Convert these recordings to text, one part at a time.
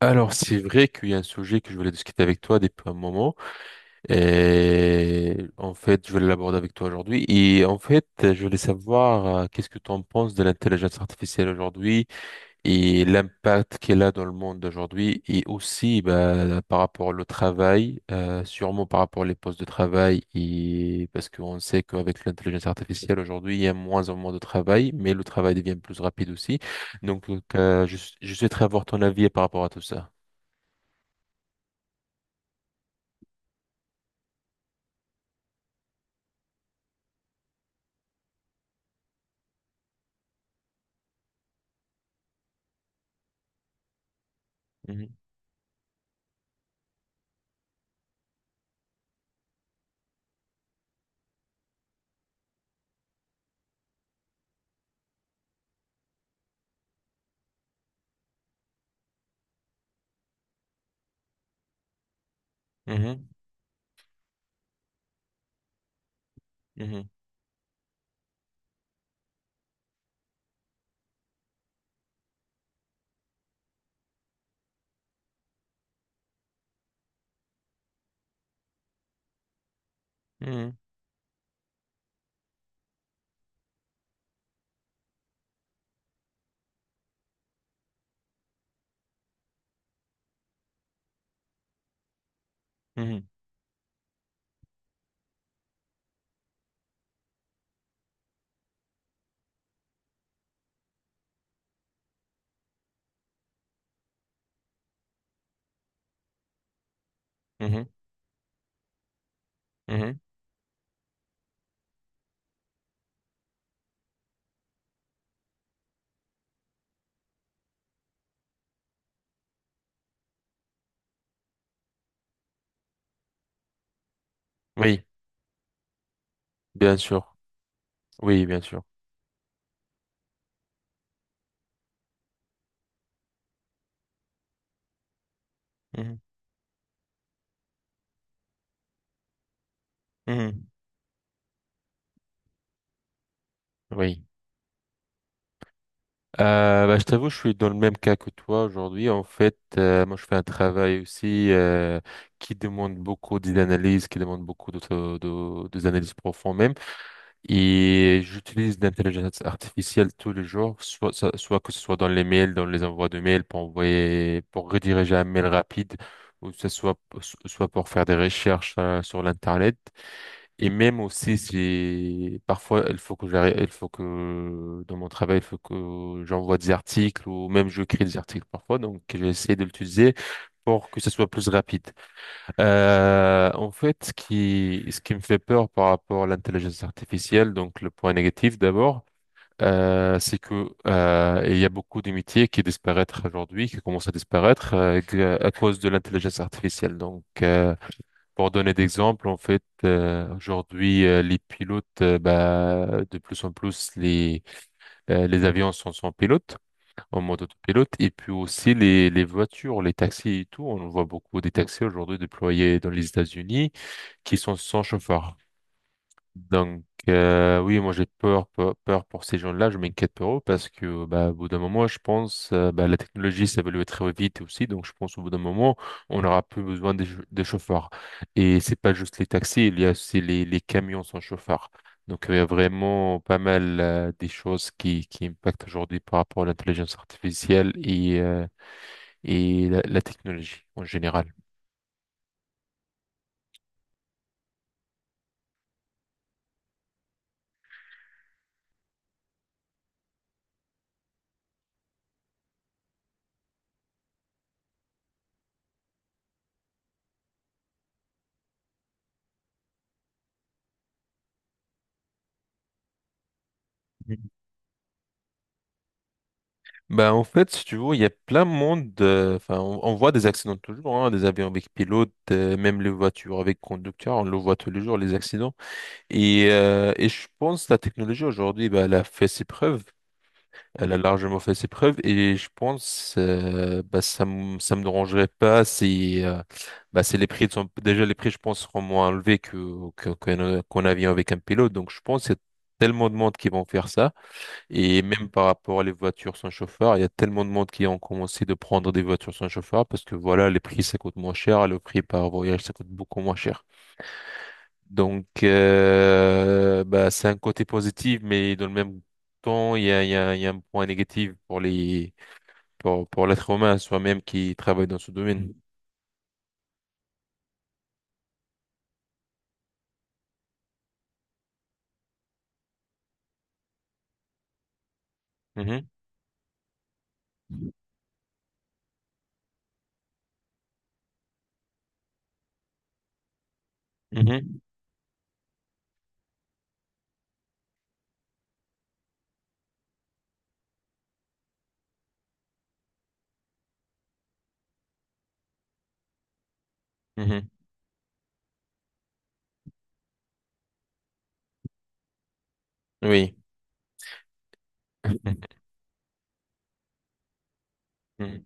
Alors, c'est vrai qu'il y a un sujet que je voulais discuter avec toi depuis un moment. Et en fait, je voulais l'aborder avec toi aujourd'hui. Et en fait, je voulais savoir qu'est-ce que tu en penses de l'intelligence artificielle aujourd'hui et l'impact qu'elle a dans le monde d'aujourd'hui. Et aussi, bah, par rapport au travail, sûrement par rapport aux postes de travail. Et parce qu'on sait qu'avec l'intelligence artificielle aujourd'hui, il y a moins en moins de travail, mais le travail devient plus rapide aussi. Donc, je souhaiterais avoir ton avis par rapport à tout ça. Mhm, mhm, mhm, mhm, mhm, mhm, mhm. Oui, bien sûr. Oui, bien sûr. Mhm, mhm. Oui. Bah, je t'avoue, je suis dans le même cas que toi aujourd'hui. En fait, moi, je fais un travail aussi qui demande beaucoup d'analyse, qui demande beaucoup des analyses profondes même. Et j'utilise l'intelligence artificielle tous les jours, soit que ce soit dans les mails, dans les envois de mails pour envoyer, pour rediriger un mail rapide, ou que ce soit, soit pour faire des recherches sur l'Internet. Et même aussi, c'est parfois, il faut que j'arrête, il faut que dans mon travail, il faut que j'envoie des articles ou même je crée des articles parfois. Donc, j'essaie de l'utiliser pour que ce soit plus rapide. En fait, ce qui me fait peur par rapport à l'intelligence artificielle, donc le point négatif d'abord, c'est que il y a beaucoup de métiers qui disparaissent aujourd'hui, qui commencent à disparaître à cause de l'intelligence artificielle. Donc, pour donner d'exemple, en fait, aujourd'hui, les pilotes, bah, de plus en plus, les avions sont sans pilote, en mode autopilote, et puis aussi les voitures, les taxis et tout. On voit beaucoup des taxis aujourd'hui déployés dans les États-Unis qui sont sans chauffeur. Donc, oui, moi j'ai peur, peur, peur pour ces gens-là, je m'inquiète pour eux parce que, bah, au bout d'un moment, je pense, bah, la technologie s'évolue très vite aussi, donc je pense au bout d'un moment, on n'aura plus besoin chauffeurs. Et c'est pas juste les taxis, il y a aussi les camions sans chauffeur. Donc, il y a vraiment pas mal, des choses qui impactent aujourd'hui par rapport à l'intelligence artificielle et la technologie en général. Ben en fait, si tu veux, il y a plein de monde. Enfin, on voit des accidents toujours, hein, des avions avec pilote, même les voitures avec conducteur, on le voit tous les jours, les accidents. Et je pense que la technologie aujourd'hui, ben elle a fait ses preuves. Elle a largement fait ses preuves. Et je pense, bah, ça me dérangerait pas si, bah, si les prix sont, déjà les prix, je pense, seront moins élevés que qu'un avion avec un pilote. Donc, je pense qu'il y a tellement de monde qui vont faire ça. Et même par rapport à les voitures sans chauffeur, il y a tellement de monde qui ont commencé de prendre des voitures sans chauffeur parce que voilà, les prix ça coûte moins cher, le prix par voyage ça coûte beaucoup moins cher. Donc bah, c'est un côté positif, mais dans le même temps, il y a un point négatif pour les pour l'être humain soi-même qui travaille dans ce domaine. Mhm, mhm, mhm. Oui. Mhm. Mhm.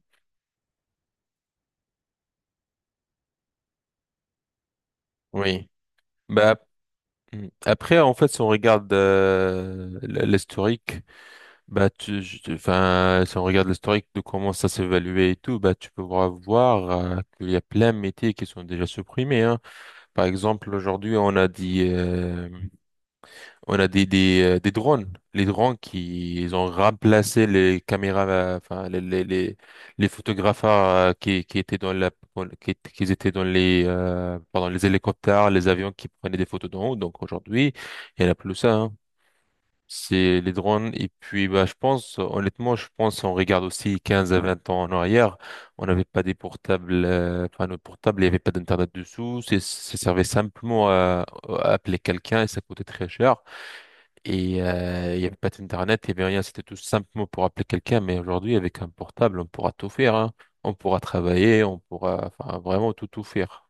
Oui. Bah, mm. après, en fait, si on regarde l'historique. Bah, enfin, si on regarde l'historique de comment ça s'évaluait et tout, bah, tu peux voir, qu'il y a plein de métiers qui sont déjà supprimés, hein. Par exemple, aujourd'hui, on a dit, on a des drones. Les drones ils ont remplacé les caméras, enfin, les photographes, qui étaient dans qui étaient dans les, pardon, les hélicoptères, les avions qui prenaient des photos d'en haut. Donc, aujourd'hui, il n'y en a plus ça, hein. C'est les drones. Et puis, bah, je pense, honnêtement, je pense, on regarde aussi 15 à 20 ans en arrière, on n'avait pas des portables, enfin, nos portables, il n'y avait pas d'Internet dessous. Ça servait simplement à appeler quelqu'un et ça coûtait très cher. Et il n'y avait pas d'Internet, il n'y avait rien. C'était tout simplement pour appeler quelqu'un. Mais aujourd'hui, avec un portable, on pourra tout faire, hein. On pourra travailler, on pourra, enfin, vraiment tout faire.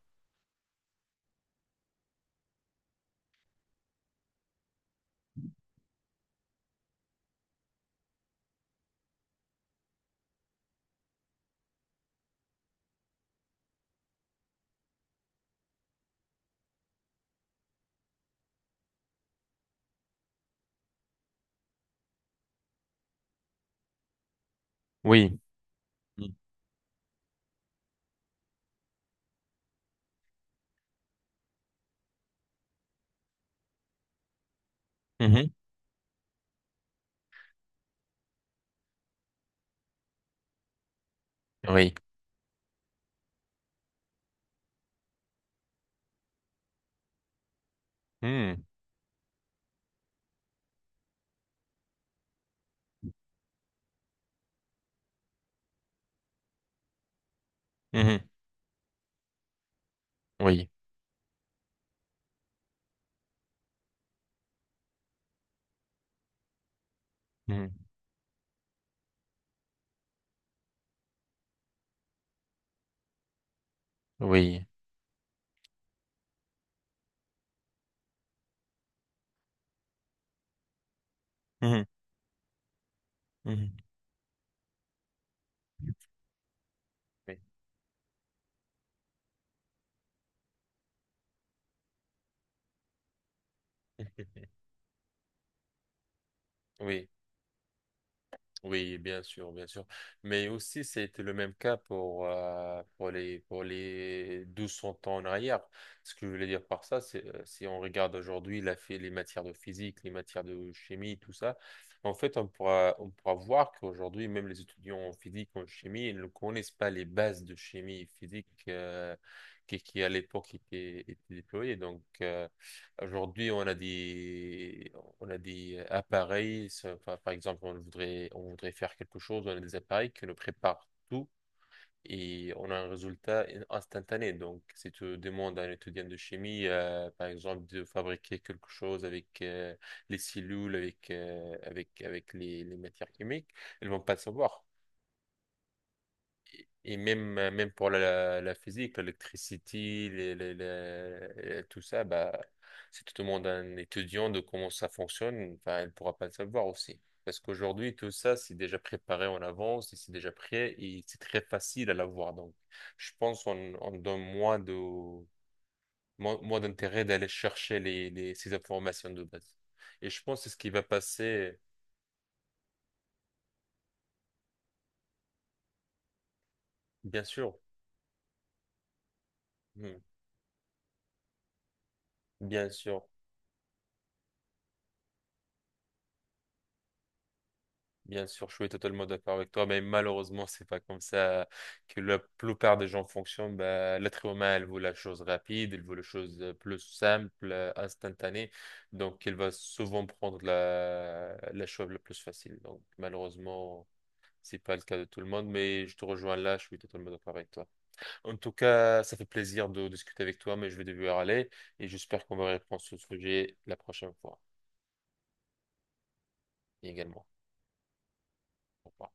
Oui. Mm. Mhm. Oui. Mm. Mhm. Oui. Mhm. Oui. Mhm. Mhm. Oui, oui, bien sûr, bien sûr. Mais aussi, c'était le même cas pour les 1200 ans en arrière. Ce que je voulais dire par ça, c'est si on regarde aujourd'hui les matières de physique, les matières de chimie, tout ça, en fait, on pourra voir qu'aujourd'hui, même les étudiants en physique, en chimie, ils ne connaissent pas les bases de chimie et physique qui, à l'époque, étaient déployées. Donc, aujourd'hui, on a des appareils. Enfin, par exemple, on voudrait faire quelque chose. On a des appareils qui nous préparent tout et on a un résultat instantané. Donc, si tu demandes à un étudiant de chimie, par exemple, de fabriquer quelque chose avec les cellules, avec les matières chimiques, ils vont pas le savoir. Et même, même pour la physique, l'électricité, tout ça, bah, si tu demandes à un étudiant de comment ça fonctionne, enfin, il ne pourra pas le savoir aussi. Parce qu'aujourd'hui, tout ça, c'est déjà préparé en avance, et c'est déjà prêt et c'est très facile à l'avoir. Donc, je pense qu'on on donne moins moins d'intérêt d'aller chercher ces informations de base. Et je pense que c'est ce qui va passer, bien sûr. Hmm. Bien sûr. Bien sûr, je suis totalement d'accord avec toi, mais malheureusement, c'est pas comme ça que la plupart des gens fonctionnent. Bah, l'être humain, il veut la chose rapide, elle veut la chose plus simple, instantanée, donc elle va souvent prendre la chose la plus facile. Donc, malheureusement, c'est pas le cas de tout le monde, mais je te rejoins là, je suis totalement d'accord avec toi. En tout cas, ça fait plaisir de discuter avec toi, mais je vais devoir aller et j'espère qu'on va reprendre ce sujet la prochaine fois également. Au revoir.